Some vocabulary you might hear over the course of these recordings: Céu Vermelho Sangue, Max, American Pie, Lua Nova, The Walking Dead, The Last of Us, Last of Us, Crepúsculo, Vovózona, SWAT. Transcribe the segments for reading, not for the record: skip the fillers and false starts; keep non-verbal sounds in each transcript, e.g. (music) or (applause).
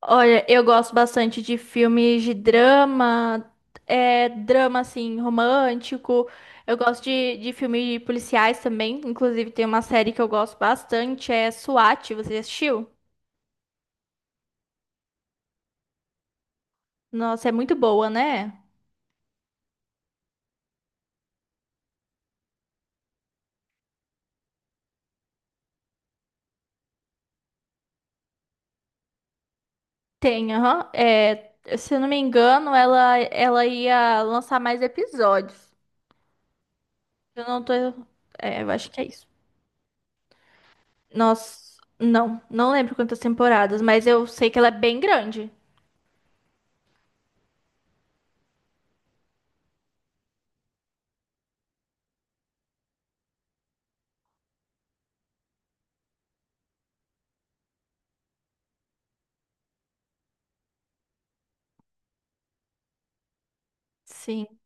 Olha, eu gosto bastante de filmes de drama, drama assim, romântico. Eu gosto de filmes policiais também. Inclusive, tem uma série que eu gosto bastante, é SWAT. Você já assistiu? Nossa, é muito boa, né? Tem, aham. Se eu não me engano, ela ia lançar mais episódios. Eu não tô. Eu acho que é isso. Nossa, não, não lembro quantas temporadas, mas eu sei que ela é bem grande. Sim.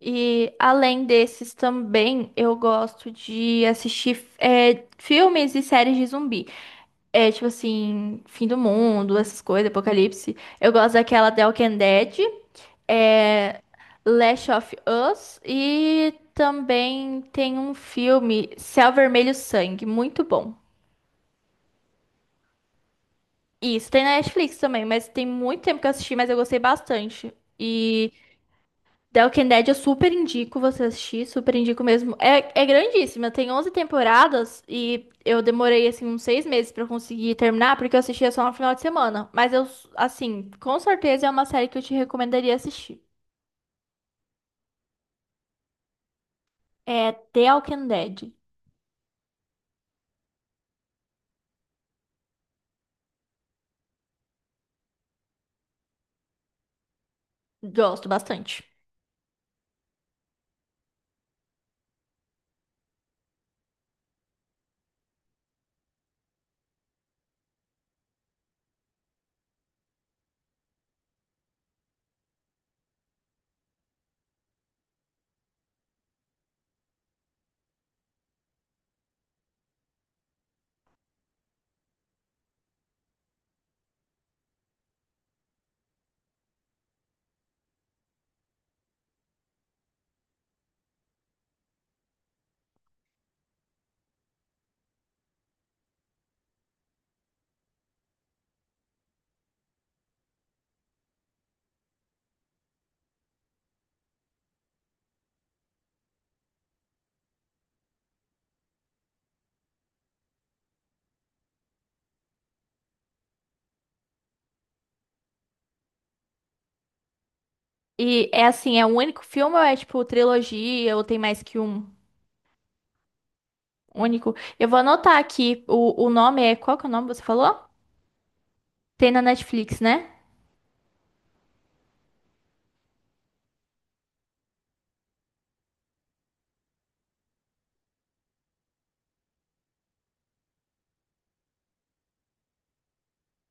E além desses também, eu gosto de assistir filmes e séries de zumbi. É tipo assim, fim do mundo, essas coisas, apocalipse. Eu gosto daquela The Walking Dead, é, Last of Us e também tem um filme Céu Vermelho Sangue, muito bom. Isso, tem na Netflix também, mas tem muito tempo que eu assisti, mas eu gostei bastante. E The Walking Dead eu super indico você assistir, super indico mesmo. É grandíssima, tem 11 temporadas e eu demorei, assim, uns 6 meses pra conseguir terminar, porque eu assistia só no final de semana. Mas eu, assim, com certeza é uma série que eu te recomendaria assistir. É The Walking Dead. Gosto bastante. E é assim, é um único filme ou é tipo trilogia ou tem mais que um único? Eu vou anotar aqui o nome é. Qual que é o nome que você falou? Tem na Netflix, né?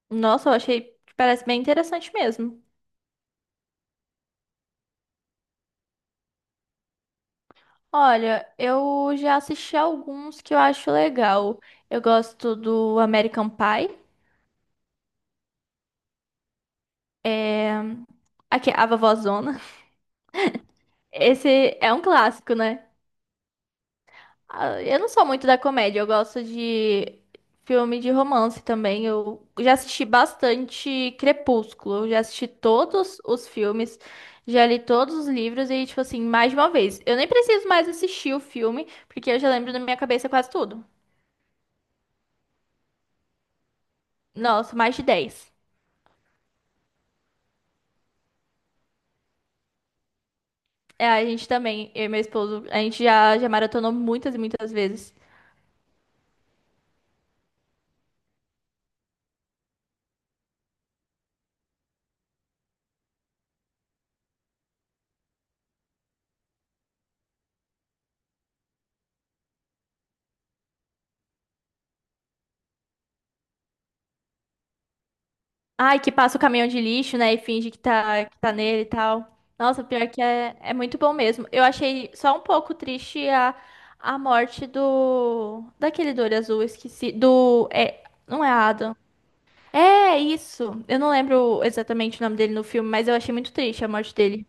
Nossa, eu achei que parece bem interessante mesmo. Olha, eu já assisti alguns que eu acho legal. Eu gosto do American Pie. É... Aqui, a Vovózona. Esse é um clássico, né? Ah, eu não sou muito da comédia, eu gosto de filme de romance também. Eu já assisti bastante Crepúsculo, eu já assisti todos os filmes, já li todos os livros e, tipo assim, mais de uma vez. Eu nem preciso mais assistir o filme, porque eu já lembro na minha cabeça quase tudo. Nossa, mais de 10. A gente também, eu e meu esposo, a gente já maratonou muitas e muitas vezes. Ai, que passa o caminhão de lixo, né? E finge que tá nele e tal. Nossa, pior que é muito bom mesmo. Eu achei só um pouco triste a morte do. Daquele do olho azul, esqueci. Do. Não é Adam. É isso. Eu não lembro exatamente o nome dele no filme, mas eu achei muito triste a morte dele.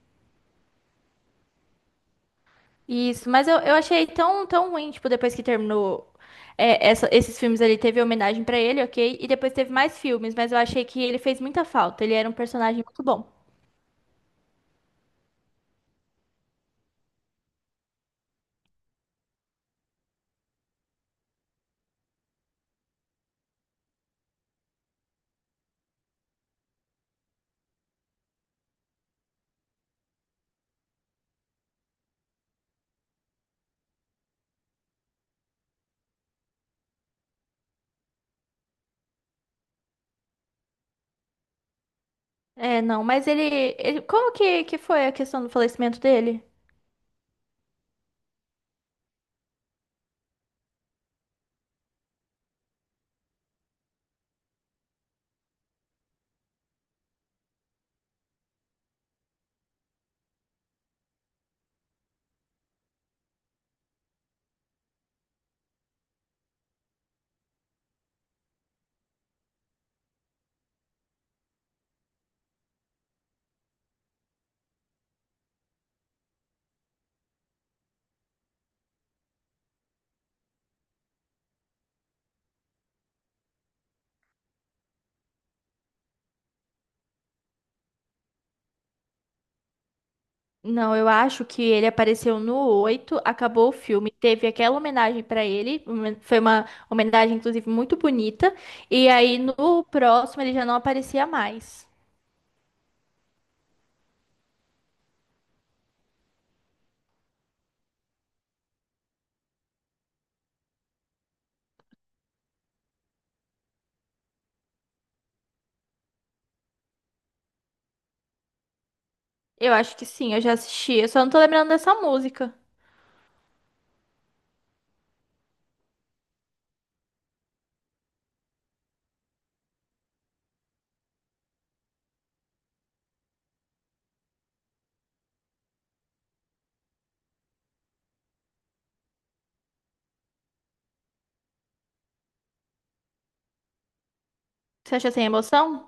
Isso, mas eu achei tão, tão ruim, tipo, depois que terminou esses filmes ali, teve homenagem pra ele, ok? E depois teve mais filmes, mas eu achei que ele fez muita falta. Ele era um personagem muito bom. Não, mas ele, como que foi a questão do falecimento dele? Não, eu acho que ele apareceu no 8, acabou o filme, teve aquela homenagem pra ele, foi uma homenagem inclusive muito bonita, e aí no próximo ele já não aparecia mais. Eu acho que sim, eu já assisti, eu só não tô lembrando dessa música. Você acha sem emoção?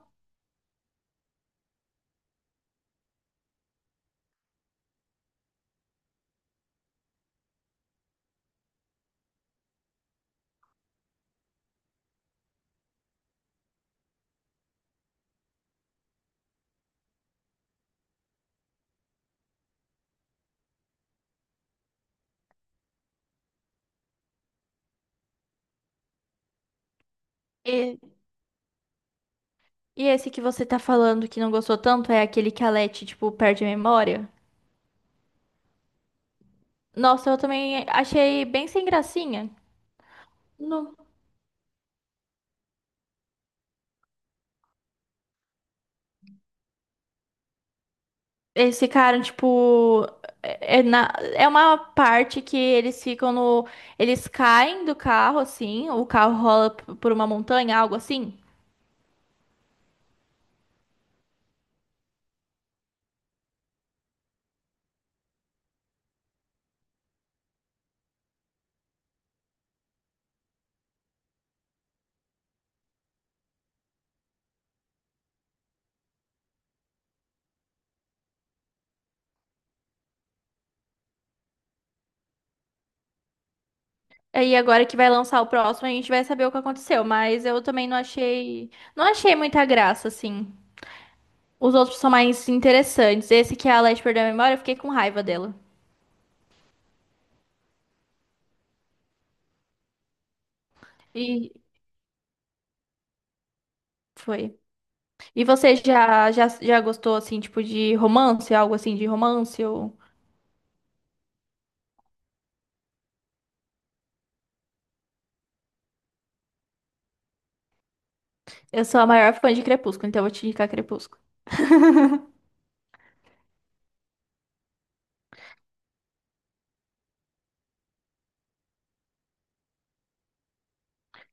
E, e esse que você tá falando que não gostou tanto é aquele que a Leti, tipo, perde a memória? Nossa, eu também achei bem sem gracinha. Não. Esse cara, tipo, é uma parte que eles ficam no. Eles caem do carro, assim, o carro rola por uma montanha, algo assim. Aí agora que vai lançar o próximo, a gente vai saber o que aconteceu. Mas eu também não achei. Não achei muita graça, assim. Os outros são mais interessantes. Esse que é a Leste perdeu a memória, eu fiquei com raiva dela. E foi. E você já gostou, assim, tipo, de romance? Algo assim de romance? Eu sou a maior fã de Crepúsculo, então eu vou te indicar Crepúsculo.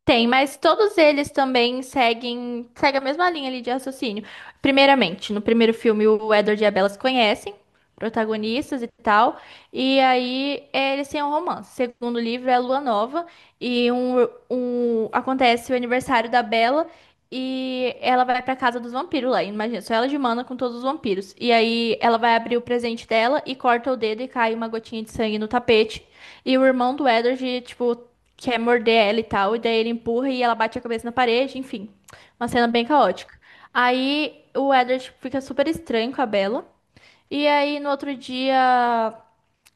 Tem, mas todos eles também seguem a mesma linha ali de raciocínio. Primeiramente, no primeiro filme, o Edward e a Bella se conhecem, protagonistas e tal, e aí eles têm um romance. O segundo livro é Lua Nova, e acontece o aniversário da Bella, e ela vai pra casa dos vampiros lá. Imagina, só ela de mana com todos os vampiros. E aí ela vai abrir o presente dela e corta o dedo e cai uma gotinha de sangue no tapete. E o irmão do Edward, tipo, quer morder ela e tal, e daí ele empurra e ela bate a cabeça na parede, enfim. Uma cena bem caótica. Aí o Edward fica super estranho com a Bella. E aí no outro dia.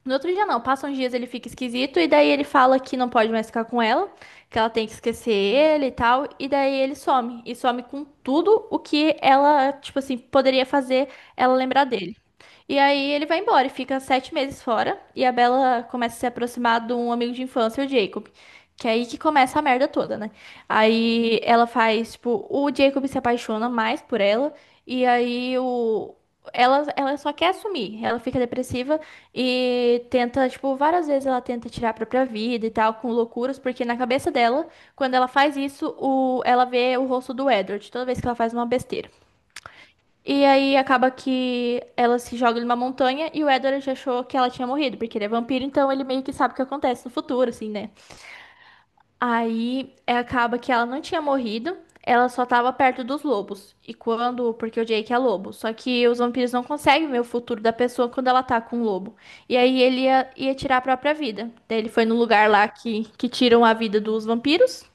No outro dia não, passam uns dias ele fica esquisito, e daí ele fala que não pode mais ficar com ela, que ela tem que esquecer ele e tal, e daí ele some. E some com tudo o que ela, tipo assim, poderia fazer ela lembrar dele. E aí ele vai embora e fica 7 meses fora. E a Bella começa a se aproximar de um amigo de infância, o Jacob. Que é aí que começa a merda toda, né? Aí ela faz, tipo, o Jacob se apaixona mais por ela. E aí o. Ela só quer assumir, ela fica depressiva e tenta, tipo, várias vezes ela tenta tirar a própria vida e tal, com loucuras, porque na cabeça dela, quando ela faz isso, ela vê o rosto do Edward, toda vez que ela faz uma besteira. E aí acaba que ela se joga numa montanha e o Edward já achou que ela tinha morrido, porque ele é vampiro, então ele meio que sabe o que acontece no futuro, assim, né? Aí acaba que ela não tinha morrido, ela só tava perto dos lobos. E porque o Jake é lobo, só que os vampiros não conseguem ver o futuro da pessoa quando ela tá com um lobo. E aí ele ia tirar a própria vida. Daí ele foi no lugar lá que tiram a vida dos vampiros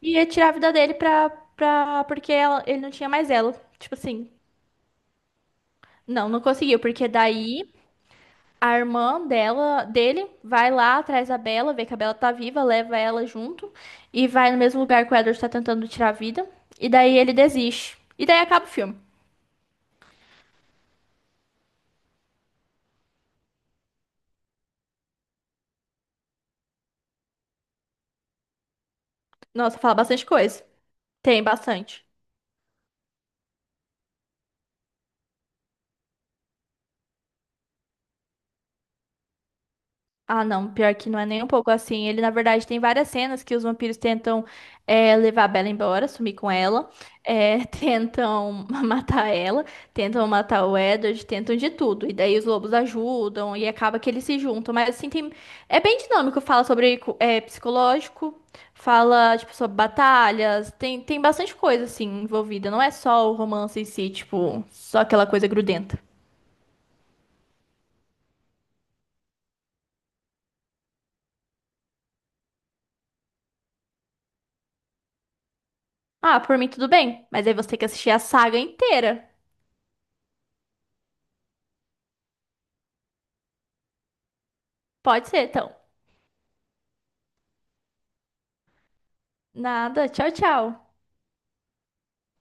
e ia tirar a vida dele porque ele não tinha mais ela. Tipo assim. Não, não conseguiu, porque daí a irmã dele vai lá atrás da Bela, vê que a Bela tá viva, leva ela junto e vai no mesmo lugar que o Edward tá tentando tirar a vida. E daí ele desiste. E daí acaba o filme. Nossa, fala bastante coisa. Tem bastante. Ah, não, pior que não é nem um pouco assim. Ele, na verdade, tem várias cenas que os vampiros tentam levar a Bella embora, sumir com ela, (laughs) tentam matar ela, tentam matar o Edward, tentam de tudo. E daí os lobos ajudam e acaba que eles se juntam. Mas assim, é bem dinâmico. Fala sobre psicológico, fala tipo, sobre batalhas, tem bastante coisa assim envolvida. Não é só o romance em si, tipo, só aquela coisa grudenta. Ah, por mim tudo bem, mas aí você tem que assistir a saga inteira. Pode ser, então. Nada. Tchau, tchau.